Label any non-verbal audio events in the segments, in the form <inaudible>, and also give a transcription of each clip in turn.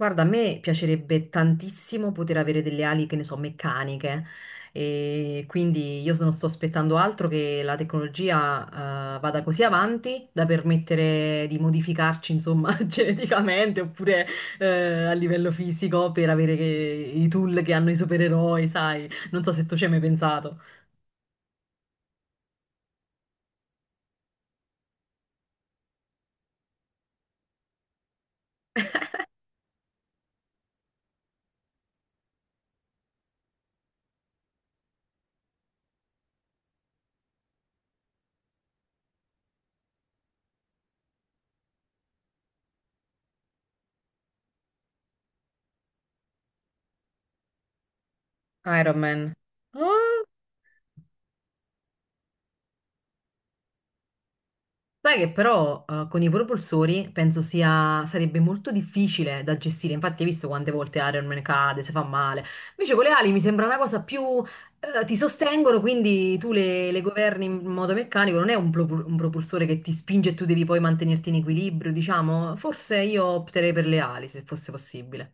Guarda, a me piacerebbe tantissimo poter avere delle ali, che ne so, meccaniche. E quindi io non sto aspettando altro che la tecnologia, vada così avanti da permettere di modificarci, insomma, <laughs> geneticamente oppure, eh, a livello fisico per avere i tool che hanno i supereroi, sai? Non so se tu ci hai mai pensato. Iron Man. Ah! Sai che però con i propulsori penso sia, sarebbe molto difficile da gestire, infatti hai visto quante volte Iron Man cade, se fa male, invece con le ali mi sembra una cosa più, ti sostengono, quindi tu le governi in modo meccanico, non è un propulsore che ti spinge e tu devi poi mantenerti in equilibrio, diciamo, forse io opterei per le ali se fosse possibile.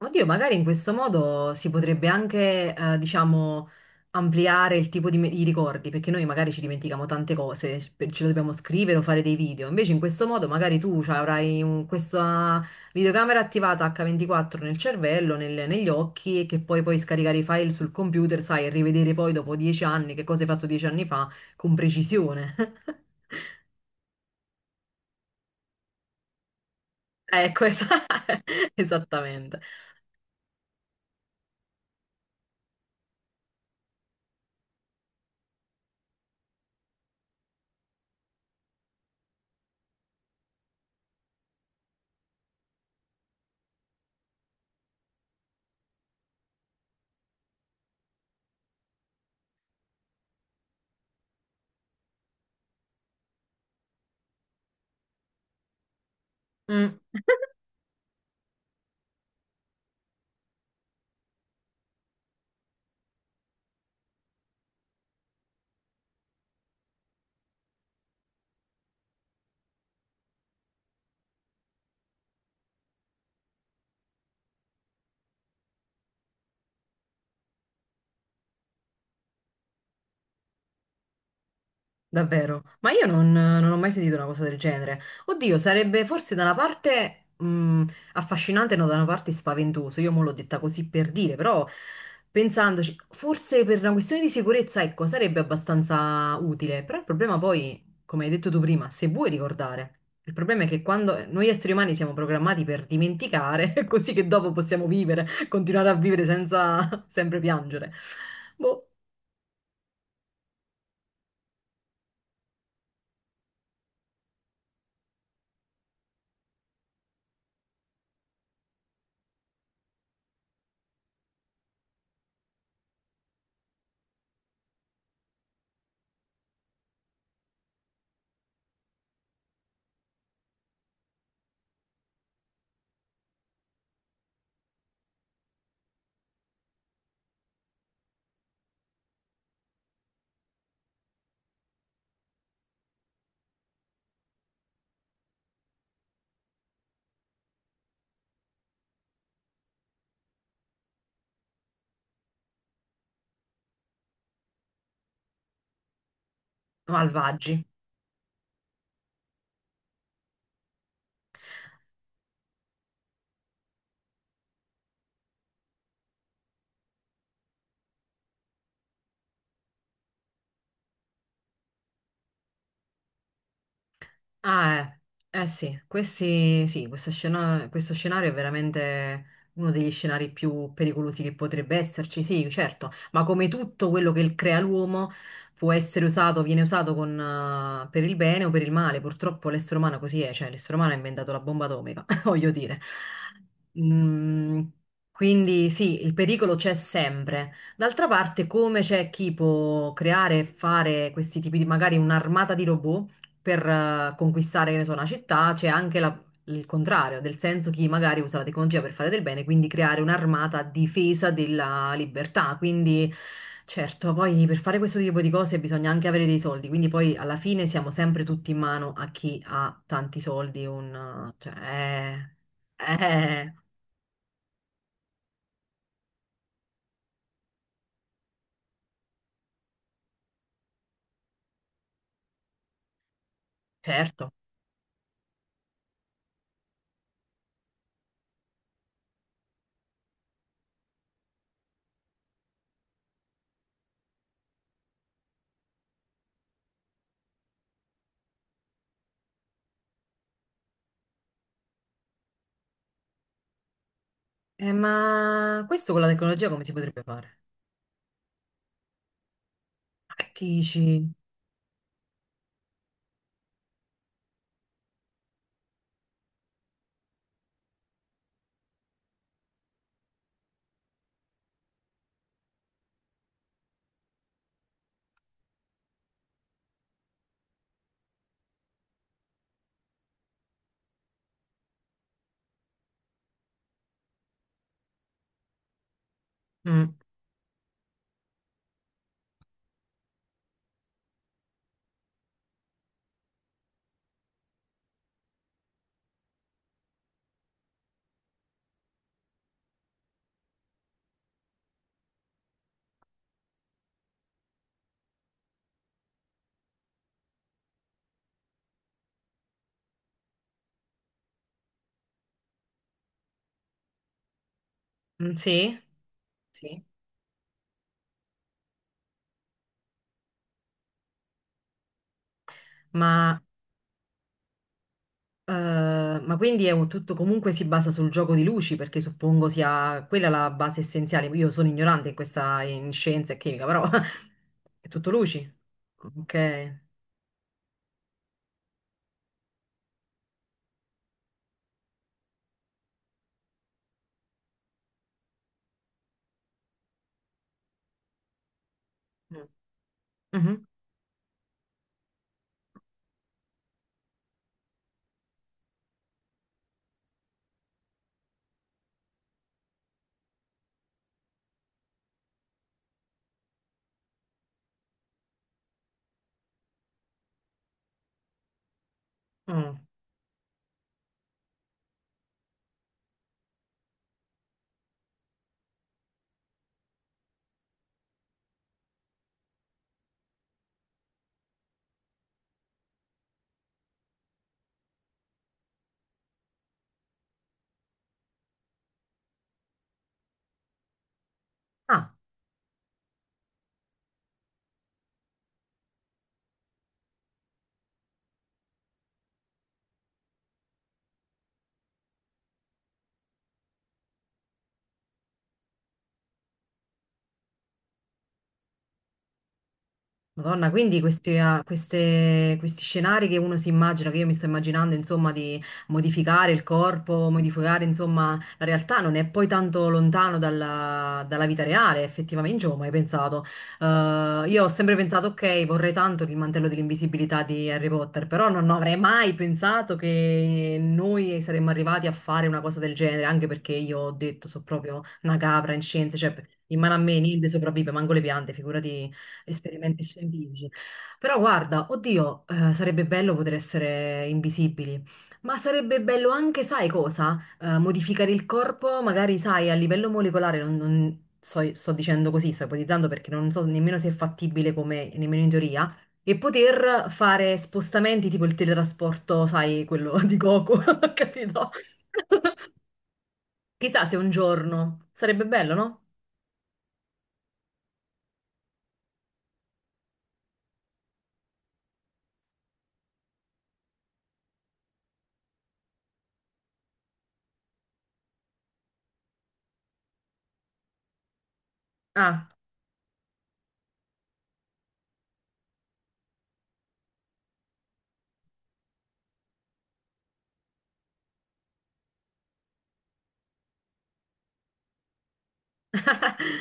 Oddio, magari in questo modo si potrebbe anche, diciamo, ampliare il tipo di, i ricordi, perché noi magari ci dimentichiamo tante cose, ce lo dobbiamo scrivere o fare dei video. Invece in questo modo magari tu cioè, avrai questa videocamera attivata H24 nel cervello, negli occhi, e che poi puoi scaricare i file sul computer, sai, e rivedere poi dopo 10 anni che cosa hai fatto 10 anni fa con precisione. <laughs> Ecco, <laughs> esattamente. Mm. Davvero, ma io non ho mai sentito una cosa del genere. Oddio, sarebbe forse da una parte affascinante, no, da una parte spaventoso. Io mo l'ho detta così per dire, però pensandoci, forse per una questione di sicurezza, ecco, sarebbe abbastanza utile. Però il problema poi, come hai detto tu prima, se vuoi ricordare, il problema è che quando noi esseri umani siamo programmati per dimenticare, <laughs> così che dopo possiamo vivere, continuare a vivere senza <laughs> sempre piangere. Boh, malvagi. Ah, eh sì, questi, sì, questo scenario è veramente uno degli scenari più pericolosi che potrebbe esserci, sì, certo, ma come tutto quello che crea l'uomo può essere usato, viene usato con, per il bene o per il male, purtroppo l'essere umano così è, cioè l'essere umano ha inventato la bomba atomica, <laughs> voglio dire. Mm, quindi sì, il pericolo c'è sempre. D'altra parte, come c'è chi può creare e fare questi tipi di, magari un'armata di robot, per conquistare, che ne so, una città, c'è anche il contrario, nel senso chi magari usa la tecnologia per fare del bene, quindi creare un'armata a difesa della libertà. Quindi, certo, poi per fare questo tipo di cose bisogna anche avere dei soldi, quindi poi alla fine siamo sempre tutti in mano a chi ha tanti soldi, cioè, eh, certo. Ma questo con la tecnologia come si potrebbe fare? Che dici? Mm, mm, sì, sì. Ma Eh, ma quindi è un tutto comunque si basa sul gioco di luci, perché suppongo sia quella la base essenziale. Io sono ignorante in scienza e chimica, però <laughs> è tutto luci. Ok. Mm. Mhm. Mm. Ah, Madonna, quindi questi, ah, questi scenari che uno si immagina, che io mi sto immaginando, insomma, di modificare il corpo, modificare, insomma, la realtà non è poi tanto lontano dalla vita reale, effettivamente, io non ci avevo mai pensato. Io ho sempre pensato, ok, vorrei tanto il mantello dell'invisibilità di Harry Potter, però non avrei mai pensato che noi saremmo arrivati a fare una cosa del genere, anche perché io ho detto, sono proprio una capra in scienze, cioè in mano a me niente sopravvive, manco le piante, figurati Experimentation Village. Però guarda, oddio, sarebbe bello poter essere invisibili, ma sarebbe bello anche, sai cosa? Modificare il corpo, magari, sai, a livello molecolare, non, sto dicendo così, sto ipotizzando perché non so nemmeno se è fattibile come, nemmeno in teoria, e poter fare spostamenti tipo il teletrasporto, sai, quello di Goku, <laughs> capito? Chissà se un giorno sarebbe bello, no? Ah. <laughs>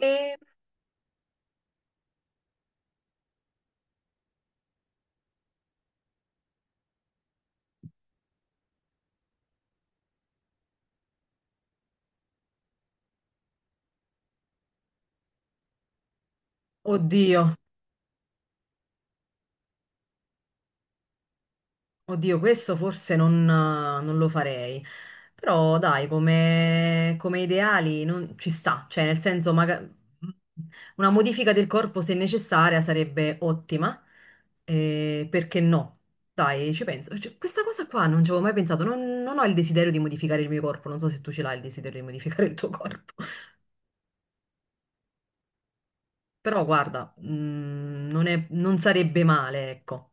E... Oddio. Oddio, questo forse non lo farei, però dai, come ideali non, ci sta, cioè nel senso una modifica del corpo se necessaria sarebbe ottima, perché no? Dai, ci penso. Cioè, questa cosa qua non ci avevo mai pensato, non ho il desiderio di modificare il mio corpo, non so se tu ce l'hai il desiderio di modificare il tuo corpo, <laughs> però guarda, non sarebbe male, ecco.